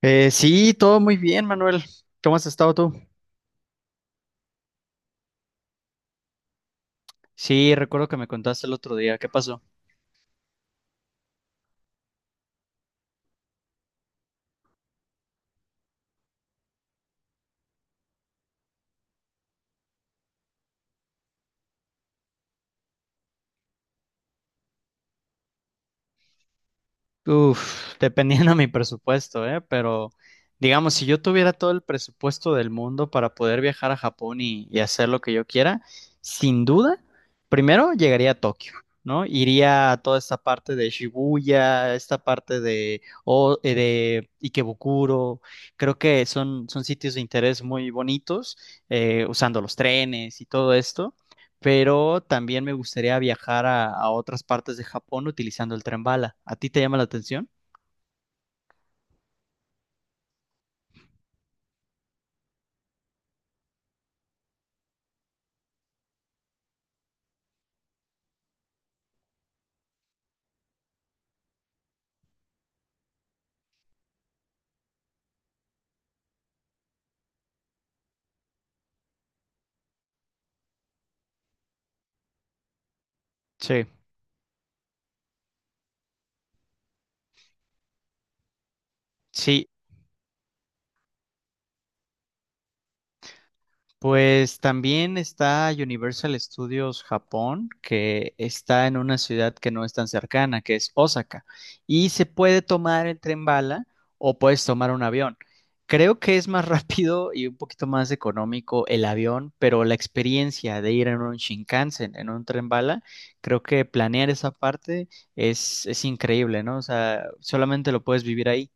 Sí, todo muy bien, Manuel. ¿Cómo has estado tú? Sí, recuerdo que me contaste el otro día. ¿Qué pasó? Uf, dependiendo de mi presupuesto, ¿eh? Pero digamos, si yo tuviera todo el presupuesto del mundo para poder viajar a Japón y hacer lo que yo quiera, sin duda, primero llegaría a Tokio, ¿no? Iría a toda esta parte de Shibuya, esta parte de Ikebukuro. Creo que son sitios de interés muy bonitos, usando los trenes y todo esto. Pero también me gustaría viajar a otras partes de Japón utilizando el tren bala. ¿A ti te llama la atención? Sí, sí. Pues también está Universal Studios Japón, que está en una ciudad que no es tan cercana, que es Osaka. Y se puede tomar el tren bala o puedes tomar un avión. Creo que es más rápido y un poquito más económico el avión, pero la experiencia de ir en un Shinkansen, en un tren bala, creo que planear esa parte es increíble, ¿no? O sea, solamente lo puedes vivir ahí.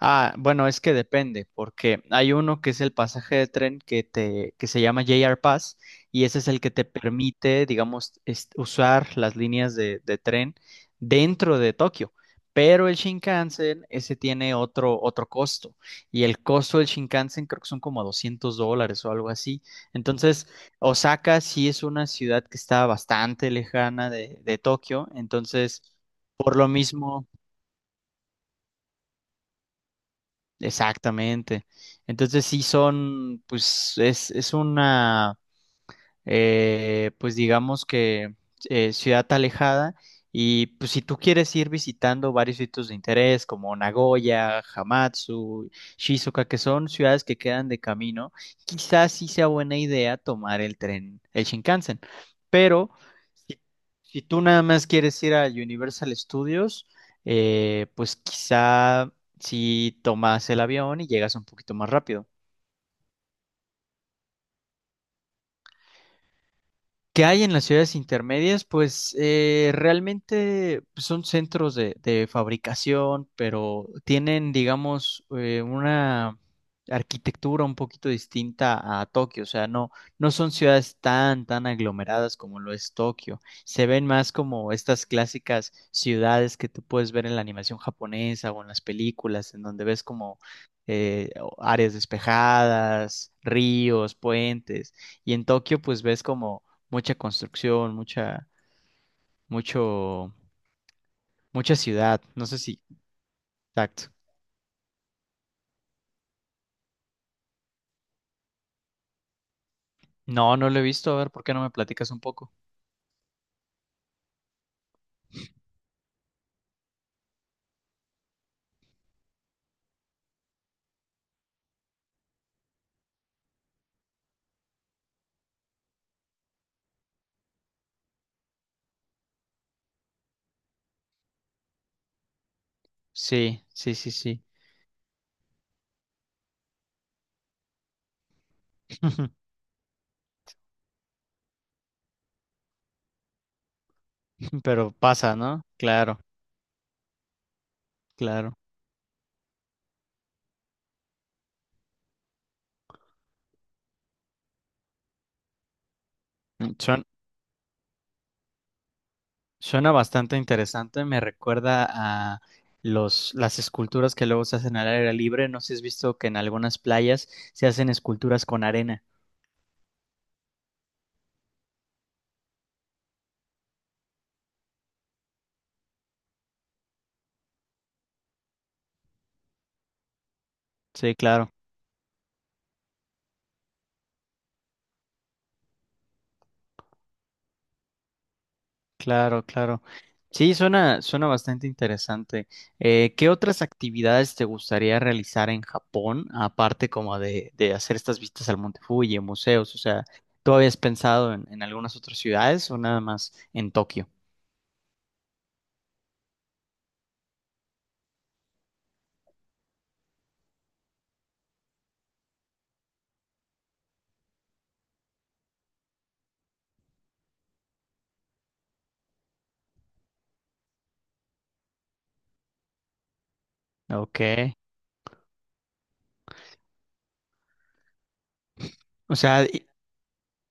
Ah, bueno, es que depende, porque hay uno que es el pasaje de tren que se llama JR Pass, y ese es el que te permite, digamos, usar las líneas de tren dentro de Tokio. Pero el Shinkansen, ese tiene otro costo. Y el costo del Shinkansen creo que son como $200 o algo así. Entonces, Osaka sí es una ciudad que está bastante lejana de Tokio. Entonces, por lo mismo. Exactamente. Entonces sí son, pues es una pues digamos que ciudad alejada. Y pues si tú quieres ir visitando varios sitios de interés como Nagoya, Hamatsu, Shizuoka, que son ciudades que quedan de camino, quizás sí sea buena idea tomar el tren, el Shinkansen. Pero si, si tú nada más quieres ir a Universal Studios, pues quizá si tomas el avión y llegas un poquito más rápido. ¿Qué hay en las ciudades intermedias? Pues realmente pues, son centros de fabricación, pero tienen, digamos, una arquitectura un poquito distinta a Tokio. O sea, no son ciudades tan aglomeradas como lo es Tokio. Se ven más como estas clásicas ciudades que tú puedes ver en la animación japonesa o en las películas, en donde ves como eh, áreas despejadas, ríos, puentes. Y en Tokio, pues ves como mucha construcción, mucho, mucha ciudad. No sé si. Exacto. No, no lo he visto. A ver, ¿por qué no me platicas un poco? Sí, sí, sí, sí. Pero pasa, ¿no? Claro, claro. Mm, Suena, suena bastante interesante. Me recuerda a las esculturas que luego se hacen al aire libre. No sé si has visto que en algunas playas se hacen esculturas con arena. Sí, claro. Claro, claro. Sí, suena bastante interesante. ¿Qué otras actividades te gustaría realizar en Japón, aparte como de hacer estas vistas al Monte Fuji, museos? O sea, ¿tú habías pensado en algunas otras ciudades o nada más en Tokio? Ok. O sea,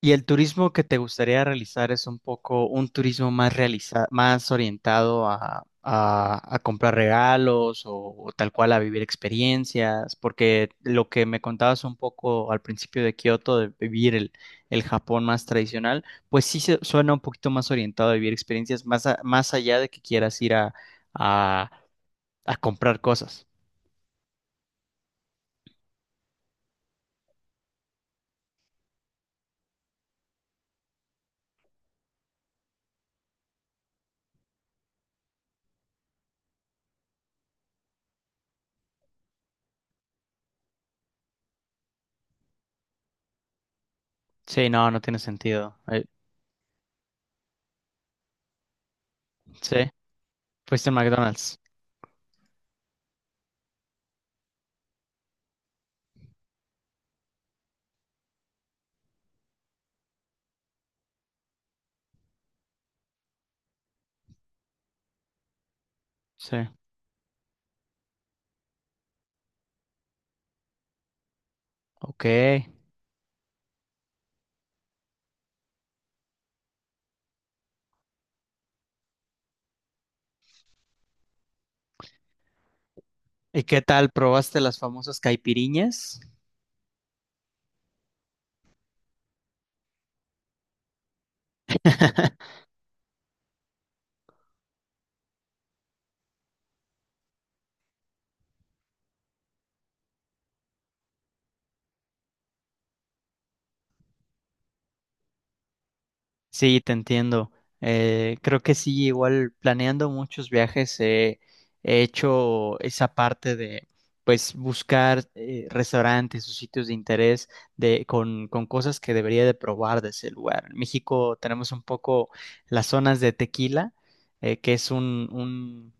y el turismo que te gustaría realizar es un poco un turismo más realiza- más orientado a comprar regalos o tal cual a vivir experiencias, porque lo que me contabas un poco al principio de Kioto, de vivir el Japón más tradicional, pues sí suena un poquito más orientado a vivir experiencias, más, más allá de que quieras ir a, a comprar cosas. Sí, no, no tiene sentido. Sí, fuiste en McDonald's. Sí, ok. ¿Y qué tal? ¿Probaste las famosas caipiriñas? Sí, te entiendo. Creo que sí, igual planeando muchos viajes he hecho esa parte de pues buscar restaurantes o sitios de interés de, con cosas que debería de probar de ese lugar. En México tenemos un poco las zonas de Tequila, que es un, un,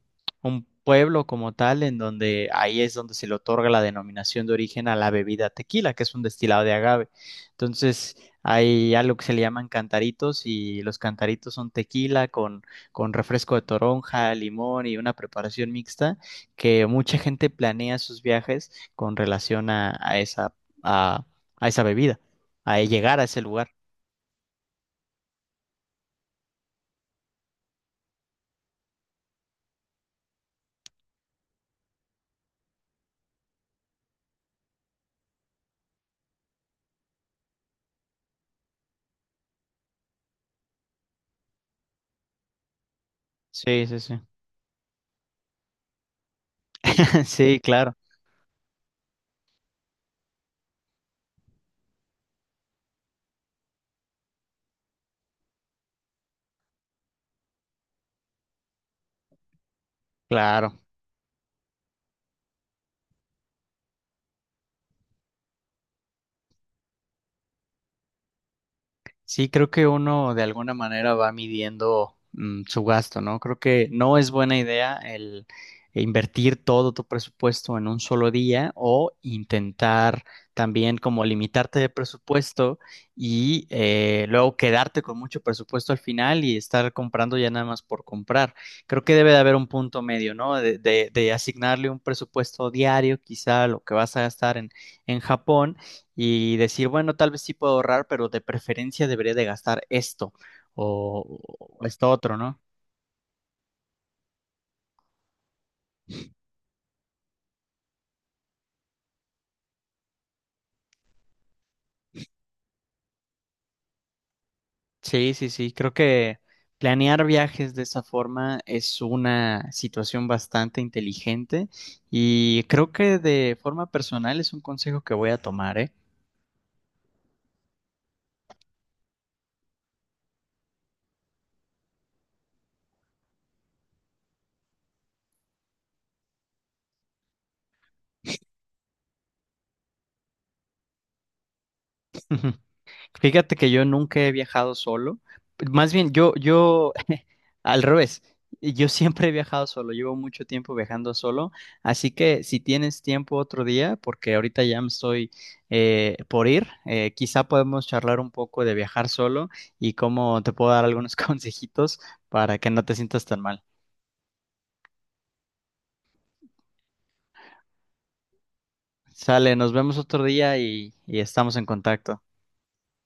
un pueblo como tal, en donde ahí es donde se le otorga la denominación de origen a la bebida tequila, que es un destilado de agave. Entonces... Hay algo que se le llaman cantaritos y los cantaritos son tequila con refresco de toronja, limón y una preparación mixta que mucha gente planea sus viajes con relación a esa, a, a esa bebida, a llegar a ese lugar. Sí, sí, sí. Sí, claro, claro. Sí, creo que uno de alguna manera va midiendo su gasto, ¿no? Creo que no es buena idea el invertir todo tu presupuesto en un solo día o intentar también como limitarte de presupuesto y luego quedarte con mucho presupuesto al final y estar comprando ya nada más por comprar. Creo que debe de haber un punto medio, ¿no? De asignarle un presupuesto diario, quizá lo que vas a gastar en Japón y decir, bueno, tal vez sí puedo ahorrar, pero de preferencia debería de gastar esto o esto otro, ¿no? Sí, sí, sí, creo que planear viajes de esa forma es una situación bastante inteligente y creo que de forma personal es un consejo que voy a tomar, ¿eh? Fíjate que yo nunca he viajado solo. Más bien, yo, al revés, yo siempre he viajado solo, llevo mucho tiempo viajando solo, así que si tienes tiempo otro día, porque ahorita ya me estoy por ir, quizá podemos charlar un poco de viajar solo y cómo te puedo dar algunos consejitos para que no te sientas tan mal. Sale, nos vemos otro día y estamos en contacto.